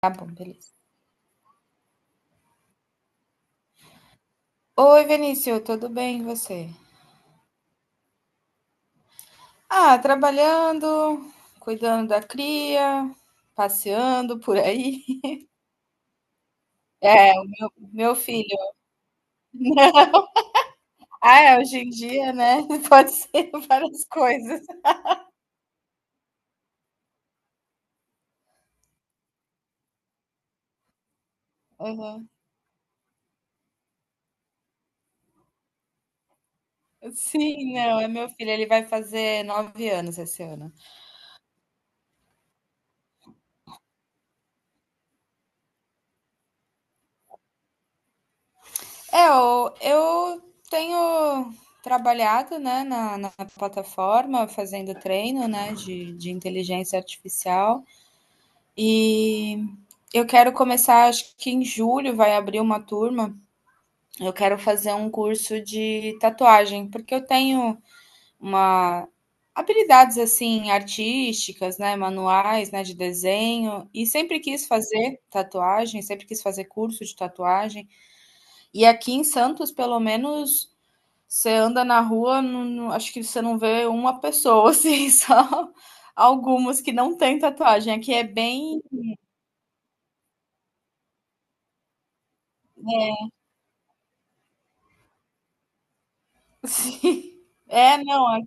Tá bom, beleza. Oi, Vinícius, tudo bem e você? Ah, trabalhando, cuidando da cria, passeando por aí. É, meu filho. Ah, é, hoje em dia, né, pode ser várias coisas. Aham. Sim, não, é meu filho, ele vai fazer 9 anos esse ano. Eu tenho trabalhado, né, na plataforma, fazendo treino, né, de inteligência artificial. E eu quero começar, acho que em julho vai abrir uma turma. Eu quero fazer um curso de tatuagem, porque eu tenho uma habilidades assim artísticas, né, manuais, né, de desenho e sempre quis fazer tatuagem, sempre quis fazer curso de tatuagem. E aqui em Santos, pelo menos, você anda na rua, acho que você não vê uma pessoa assim, só algumas que não têm tatuagem. Aqui é bem Sim. É, não. é-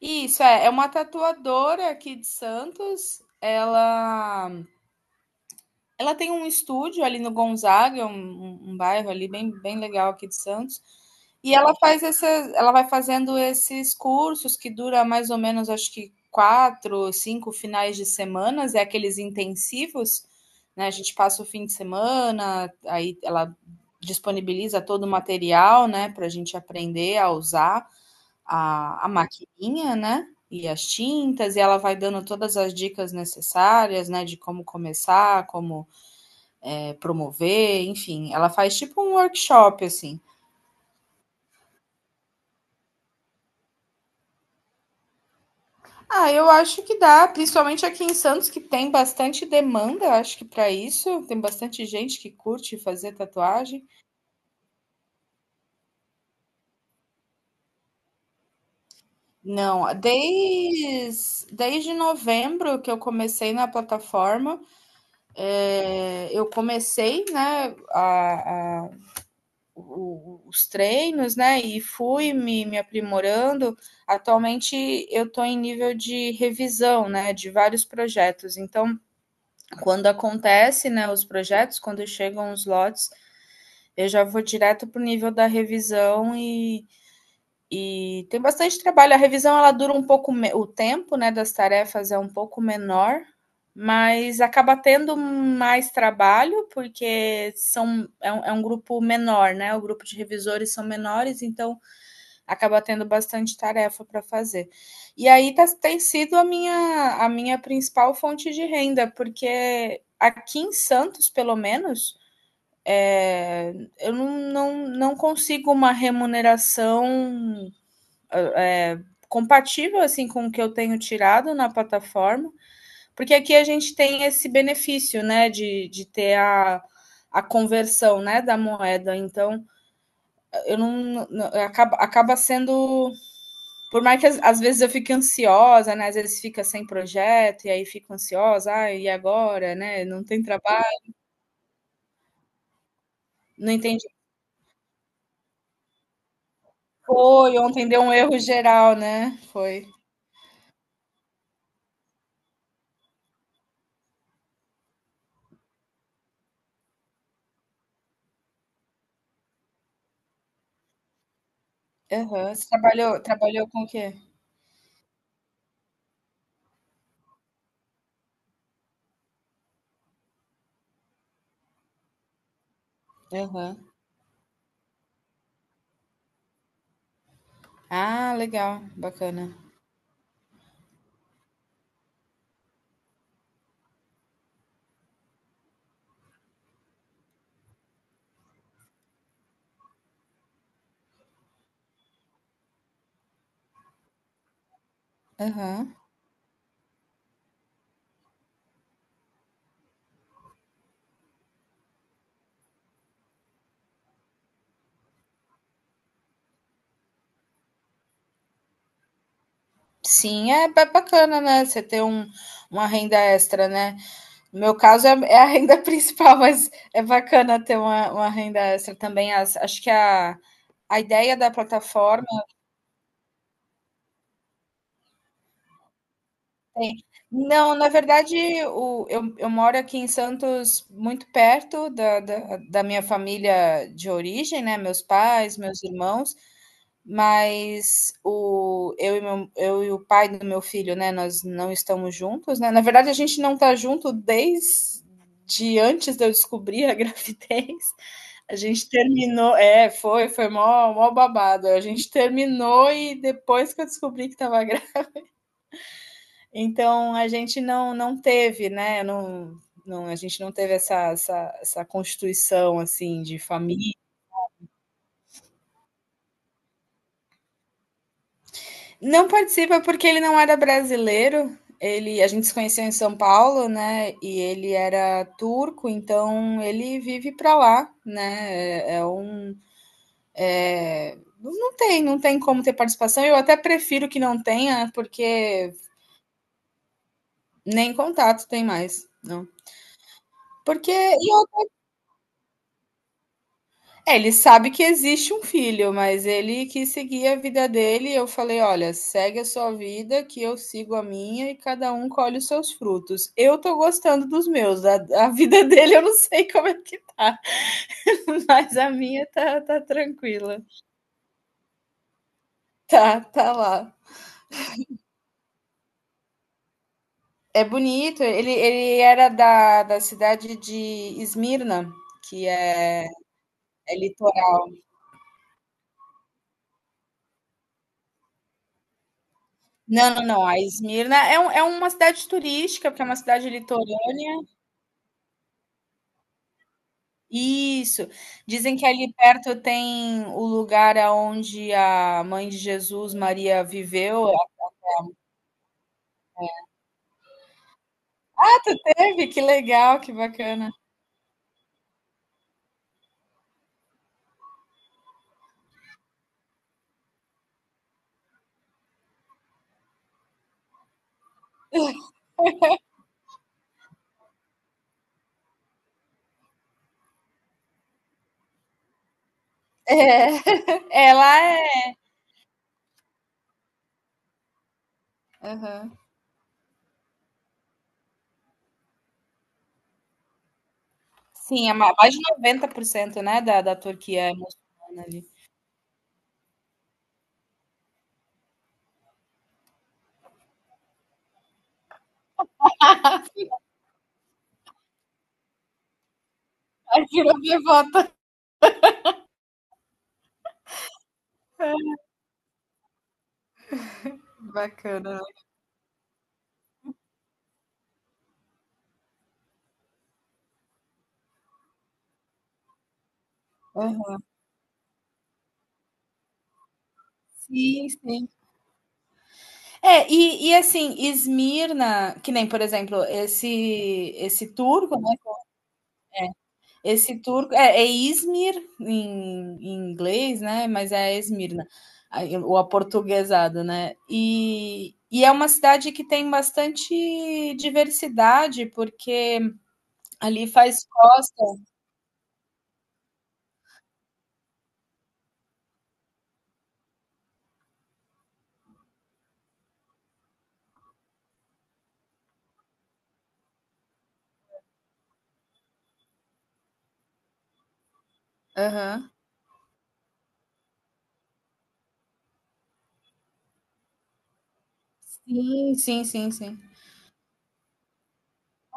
Isso é uma tatuadora aqui de Santos. Ela tem um estúdio ali no Gonzaga, um, um bairro ali bem, bem legal aqui de Santos. E ela faz essas, ela vai fazendo esses cursos que dura mais ou menos, acho que quatro, cinco finais de semanas, é aqueles intensivos, né? A gente passa o fim de semana, aí ela disponibiliza todo o material, né, para a gente aprender a usar. A maquininha, né, e as tintas, e ela vai dando todas as dicas necessárias, né, de como começar, como, promover, enfim, ela faz tipo um workshop, assim. Ah, eu acho que dá, principalmente aqui em Santos, que tem bastante demanda, eu acho que para isso, tem bastante gente que curte fazer tatuagem. Não, desde novembro que eu comecei na plataforma, eu comecei, né, os treinos, né? E fui me aprimorando. Atualmente eu estou em nível de revisão, né? De vários projetos. Então, quando acontece, né? Os projetos, quando chegam os lotes, eu já vou direto para o nível da revisão e tem bastante trabalho. A revisão ela dura um pouco o tempo, né, das tarefas é um pouco menor, mas acaba tendo mais trabalho porque são é um grupo menor, né? O grupo de revisores são menores, então acaba tendo bastante tarefa para fazer. E aí tá, tem sido a minha principal fonte de renda, porque aqui em Santos, pelo menos, é, eu não consigo uma remuneração compatível assim com o que eu tenho tirado na plataforma, porque aqui a gente tem esse benefício, né, de ter a conversão, né, da moeda. Então, eu não acaba sendo por mais que às vezes eu fique ansiosa, né? Às vezes fica sem projeto e aí fico ansiosa, ah, e agora, né? Não tem trabalho, não entendi. Foi, ontem deu um erro geral, né? Foi. Aham. Trabalhou com o quê? Aham. Ah, legal, bacana. Aham. Sim, é bacana, né? Você ter um, uma renda extra, né? No meu caso é, é a renda principal, mas é bacana ter uma renda extra também. Acho que a ideia da plataforma. Tem. Não, na verdade, eu moro aqui em Santos, muito perto da, da minha família de origem, né? Meus pais, meus irmãos, mas o, eu, e meu, eu e o pai do meu filho, né? Nós não estamos juntos, né? Na verdade, a gente não está junto desde antes de eu descobrir a gravidez. A gente terminou, é, foi mó babado. A gente terminou e depois que eu descobri que estava então a gente não teve, né? Não, a gente não teve essa, essa constituição assim de família. Não participa porque ele não era brasileiro. Ele, a gente se conheceu em São Paulo, né? E ele era turco, então ele vive para lá, né? É não tem, não tem como ter participação. Eu até prefiro que não tenha, porque nem contato tem mais, não. Porque e É, ele sabe que existe um filho, mas ele quis seguir a vida dele. E eu falei: olha, segue a sua vida, que eu sigo a minha e cada um colhe os seus frutos. Eu tô gostando dos meus, a vida dele eu não sei como é que tá, mas a minha tá tranquila. Tá, tá lá. É bonito, ele era da, da cidade de Esmirna, que é, é litoral. Não. A Esmirna é, é uma cidade turística, porque é uma cidade litorânea. Isso. Dizem que ali perto tem o lugar aonde a mãe de Jesus, Maria, viveu. Teve? Que legal, que bacana. É, ela é Aham. Sim, é ma mais de 90%, né, da Turquia é muçulmana ali. Aí virou devota. Bacana, né? Aham. Sim, sim. É, e assim, Esmirna, que nem, por exemplo, esse esse turco, né. Esse turco é, é Izmir em, em inglês, né? Mas é Esmirna, o aportuguesado, né? E é uma cidade que tem bastante diversidade, porque ali faz costa. Aham. Sim.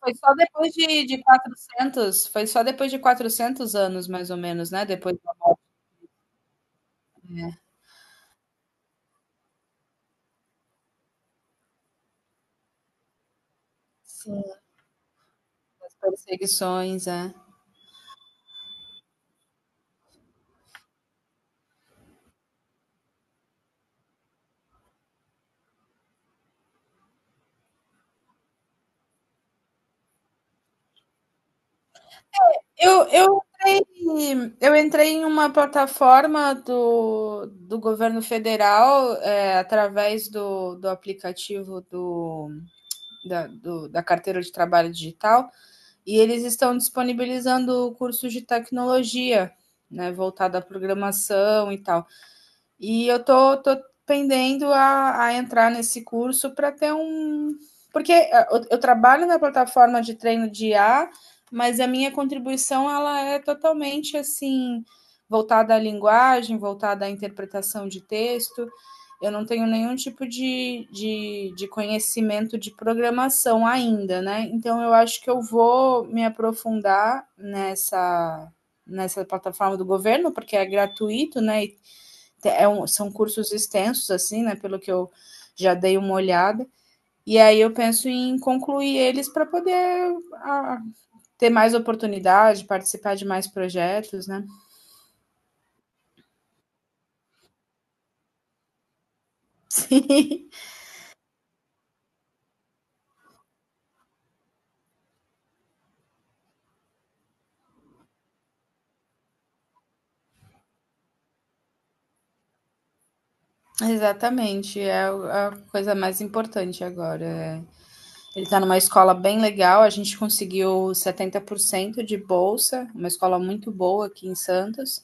Foi só depois de 400 anos, mais ou menos, né? Depois, é, sim, as perseguições, é. Eu entrei em uma plataforma do, do governo federal, é, através do aplicativo da carteira de trabalho digital, e eles estão disponibilizando cursos de tecnologia, né, voltado à programação e tal. E eu tô pendendo a entrar nesse curso para ter um. Porque eu trabalho na plataforma de treino de I a, mas a minha contribuição ela é totalmente assim voltada à linguagem, voltada à interpretação de texto. Eu não tenho nenhum tipo de, conhecimento de programação ainda, né? Então eu acho que eu vou me aprofundar nessa, nessa plataforma do governo, porque é gratuito, né? E é um, são cursos extensos, assim, né? Pelo que eu já dei uma olhada. E aí eu penso em concluir eles para poder ah, ter mais oportunidade, participar de mais projetos, né? Sim, exatamente. É a coisa mais importante agora. É. Ele está numa escola bem legal, a gente conseguiu 70% de bolsa, uma escola muito boa aqui em Santos.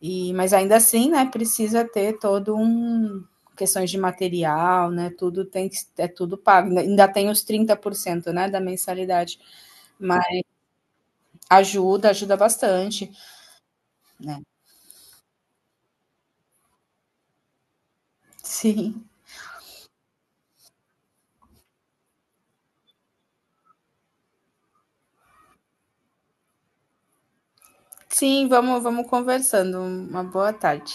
E, mas ainda assim, né, precisa ter todo um questões de material, né? Tudo tem que é tudo pago. Ainda tem os 30%, né, da mensalidade, mas ajuda, ajuda bastante, né? Sim. Sim, vamos conversando. Uma boa tarde.